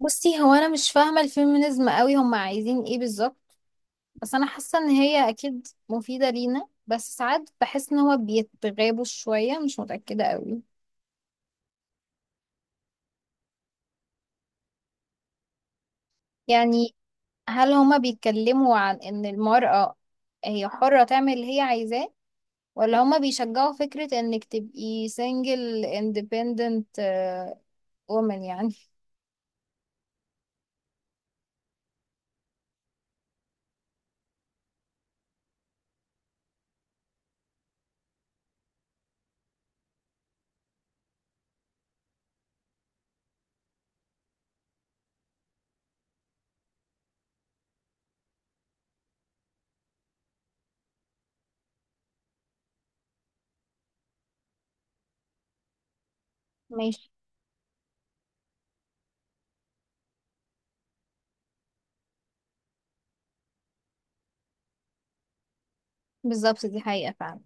بصي، هو انا مش فاهمه الفيمينيزم قوي. هم عايزين ايه بالظبط؟ بس انا حاسه ان هي اكيد مفيده لينا، بس ساعات بحس ان هو بيتغابوا شويه، مش متاكده قوي. يعني هل هما بيتكلموا عن ان المراه هي حره تعمل اللي هي عايزاه، ولا هما بيشجعوا فكره انك تبقي سنجل اندبندنت وومن يعني؟ ماشي. بالظبط، دي حقيقه فعلا.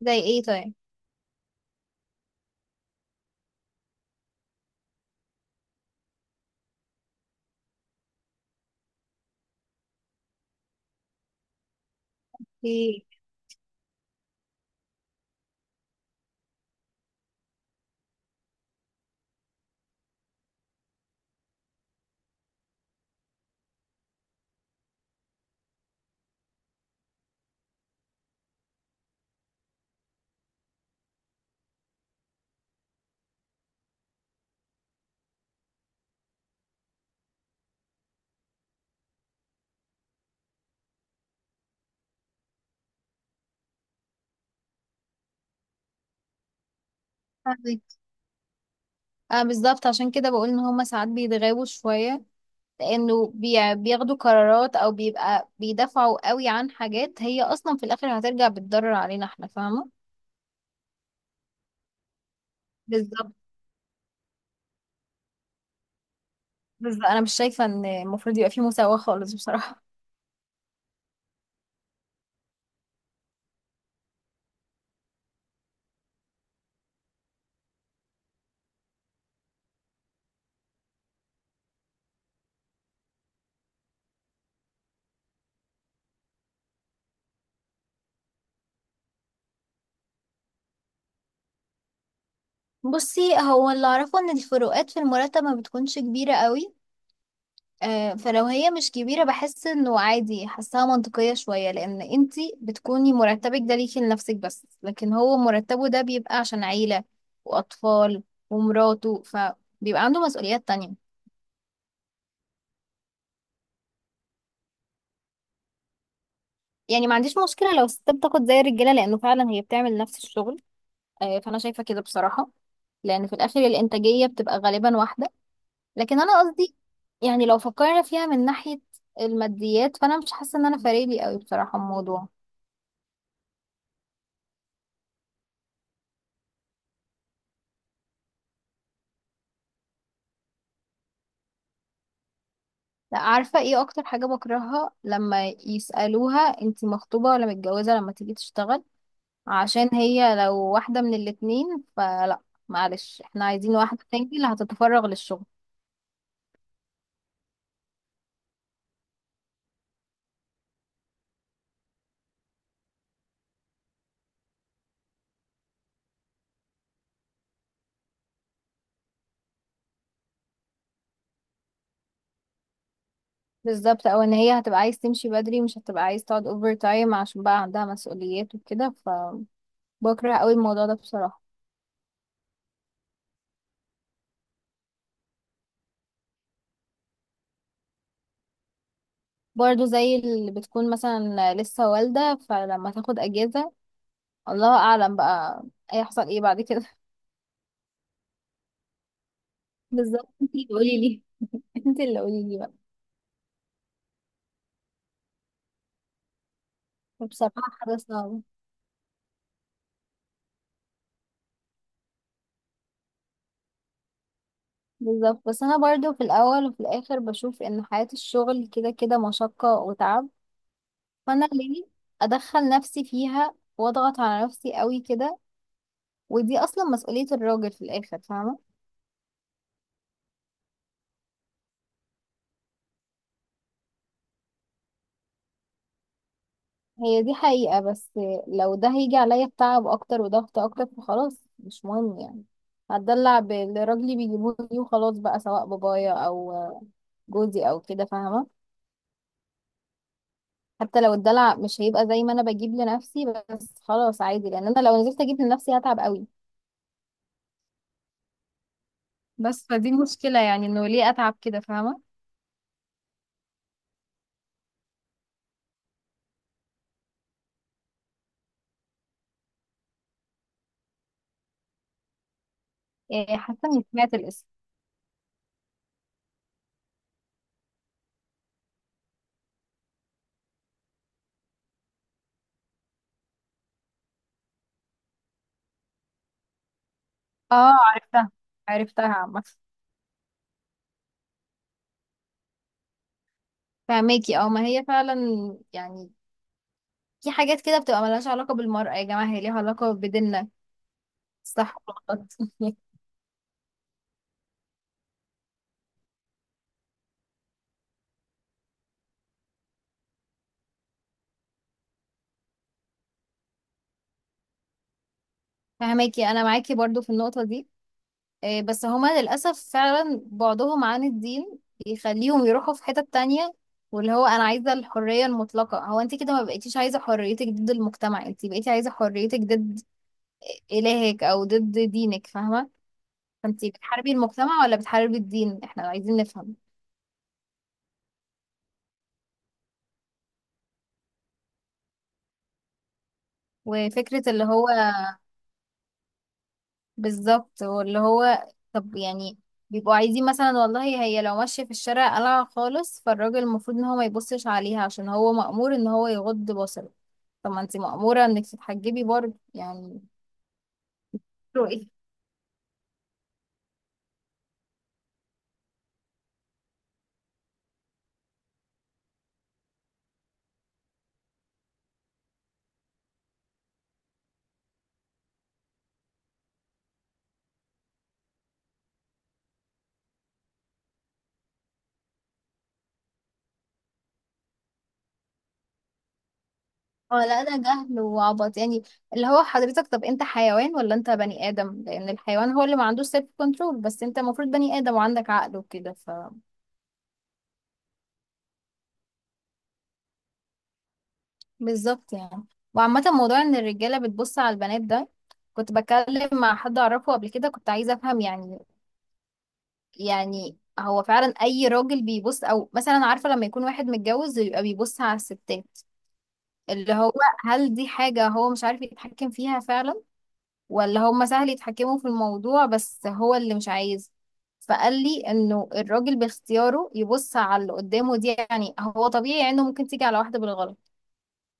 زي ايه طيب؟ ايه. فاهمك. اه بالظبط، عشان كده بقول ان هما ساعات بيتغابوا شويه، لانه بياخدوا قرارات او بيبقى بيدافعوا قوي عن حاجات هي اصلا في الاخر هترجع بتضرر علينا احنا، فاهمه؟ بالظبط. بالظبط انا مش شايفه ان المفروض يبقى في مساواه خالص بصراحه. بصي هو اللي اعرفه ان الفروقات في المرتب ما بتكونش كبيره قوي. آه، فلو هي مش كبيره بحس انه عادي، حاساها منطقيه شويه، لان انتي بتكوني مرتبك ده ليكي لنفسك بس، لكن هو مرتبه ده بيبقى عشان عيله واطفال ومراته، فبيبقى عنده مسؤوليات تانية. يعني ما عنديش مشكلة لو الستات بتاخد زي الرجالة، لأنه فعلا هي بتعمل نفس الشغل. آه، فأنا شايفة كده بصراحة، لأن في الآخر الإنتاجية بتبقى غالبا واحدة. لكن أنا قصدي، يعني لو فكرنا فيها من ناحية الماديات، فأنا مش حاسة إن أنا فارقلي قوي بصراحة الموضوع. لا، عارفة إيه أكتر حاجة بكرهها؟ لما يسألوها أنتي مخطوبة ولا متجوزة لما تيجي تشتغل، عشان هي لو واحدة من الاتنين فلا، معلش، احنا عايزين واحدة تاني اللي هتتفرغ للشغل. بالظبط، او ان هي هتبقى عايز تمشي بدري، مش هتبقى عايز تقعد اوفر تايم عشان بقى عندها مسؤوليات وكده، فبكره قوي الموضوع ده بصراحة. برضو زي اللي بتكون مثلا لسه والدة، فلما تاخد اجازة الله اعلم بقى هيحصل ايه بعد كده. بالظبط، انت اللي قولي لي. انت اللي قولي لي بقى. بصراحة حاجة صعبة. بالظبط، بس انا برضو في الاول وفي الاخر بشوف ان حياة الشغل كده كده مشقة وتعب، فانا ليه ادخل نفسي فيها واضغط على نفسي قوي كده؟ ودي اصلا مسؤولية الراجل في الاخر، فاهمة. هي دي حقيقة، بس لو ده هيجي عليا بتعب اكتر وضغط اكتر فخلاص مش مهم يعني. هتدلع باللي راجلي بيجيبوه لي وخلاص بقى، سواء بابايا او جوزي او كده، فاهمة. حتى لو الدلع مش هيبقى زي ما انا بجيب لنفسي، بس خلاص عادي، لان انا لو نزلت اجيب لنفسي هتعب قوي. بس فدي المشكلة يعني، انه ليه اتعب كده، فاهمة؟ إيه، حاسة اني سمعت الاسم. اه عرفتها، عرفتها عامة. فهماكي. اه، ما هي فعلا يعني في حاجات كده بتبقى ملهاش علاقة بالمرأة يا جماعة، هي ليها علاقة بديننا، صح ولا غلط؟ فهماكي، أنا معاكي برضو في النقطة دي. إيه، بس هما للأسف فعلا بعدهم عن الدين بيخليهم يروحوا في حتة تانية. واللي هو أنا عايزة الحرية المطلقة، هو أنت كده ما بقيتيش عايزة حريتك ضد المجتمع، أنت بقيتي عايزة حريتك ضد إلهك أو ضد دينك، فاهمة؟ فأنت بتحاربي المجتمع ولا بتحاربي الدين؟ إحنا عايزين نفهم. وفكرة اللي هو، بالظبط، واللي هو، طب يعني بيبقوا عايزين مثلا والله هي لو ماشية في الشارع قلعة خالص، فالراجل المفروض ان هو ما يبصش عليها عشان هو مأمور ان هو يغض بصره، طب ما انت مأمورة انك تتحجبي برضه يعني. رؤية. اه لا، ده جهل وعبط يعني. اللي هو حضرتك طب انت حيوان ولا انت بني آدم؟ لأن الحيوان هو اللي ما عندوش سيلف كنترول، بس انت المفروض بني آدم وعندك عقل وكده. بالظبط يعني. وعامة، موضوع ان الرجالة بتبص على البنات ده، كنت بتكلم مع حد اعرفه قبل كده، كنت عايزة افهم يعني، يعني هو فعلا اي راجل بيبص؟ او مثلا عارفة لما يكون واحد متجوز ويبقى بيبص على الستات، اللي هو هل دي حاجة هو مش عارف يتحكم فيها فعلا، ولا هما سهل يتحكموا في الموضوع بس هو اللي مش عايز؟ فقال لي انه الراجل باختياره يبص على اللي قدامه، دي يعني هو طبيعي انه ممكن تيجي على واحدة بالغلط،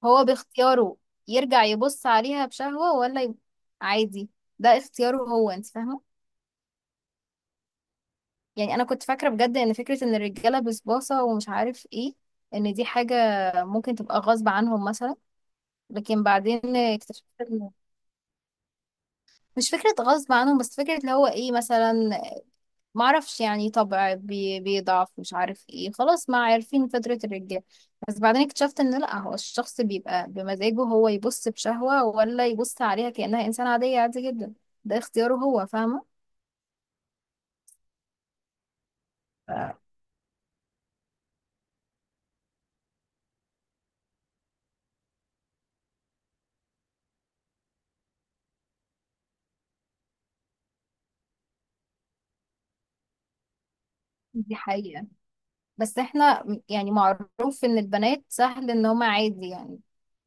هو باختياره يرجع يبص عليها بشهوة ولا عادي، ده اختياره هو، انت فاهمة. يعني انا كنت فاكرة بجد ان فكرة ان الرجالة بسباسة ومش عارف ايه، ان دي حاجة ممكن تبقى غصب عنهم مثلا، لكن بعدين اكتشفت مش فكرة غصب عنهم، بس فكرة اللي هو ايه مثلا، ما اعرفش يعني طبع بيضعف، مش عارف ايه، خلاص ما عارفين فطرة الرجال. بس بعدين اكتشفت ان لا، هو الشخص بيبقى بمزاجه هو، يبص بشهوة ولا يبص عليها كأنها انسان عادية عادي جدا، ده اختياره هو، فاهمة. دي حقيقة، بس احنا يعني معروف ان البنات سهل ان هما عادي يعني،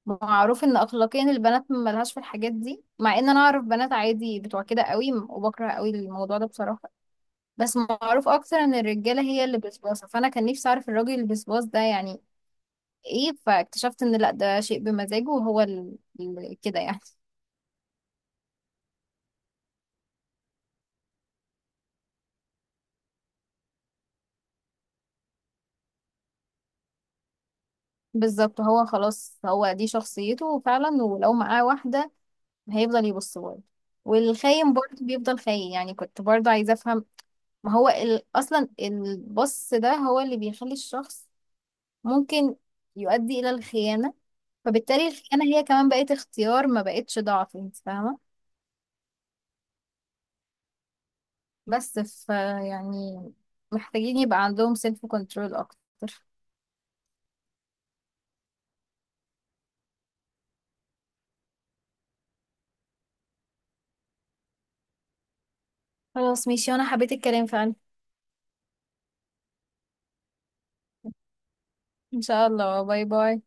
معروف ان اخلاقيا البنات ملهاش في الحاجات دي، مع ان انا اعرف بنات عادي بتوع كده قوي وبكره قوي الموضوع ده بصراحة، بس معروف اكتر ان الرجاله هي اللي بسباسه، فانا كان نفسي اعرف الراجل البسباس ده يعني ايه. فاكتشفت ان لا، ده شيء بمزاجه وهو كده يعني. بالظبط، هو خلاص هو دي شخصيته فعلا، ولو معاه واحده هيفضل يبص برضه، والخاين برضه بيفضل خاين يعني، كنت برضه عايزه افهم. ما هو اصلا البص ده هو اللي بيخلي الشخص ممكن يؤدي الى الخيانه، فبالتالي الخيانه هي كمان بقت اختيار، ما بقتش ضعف، انت فاهمه. بس ف يعني محتاجين يبقى عندهم سيلف كنترول اكتر. خلاص ماشي، وانا حبيت الكلام فعلا. ان شاء الله، باي باي.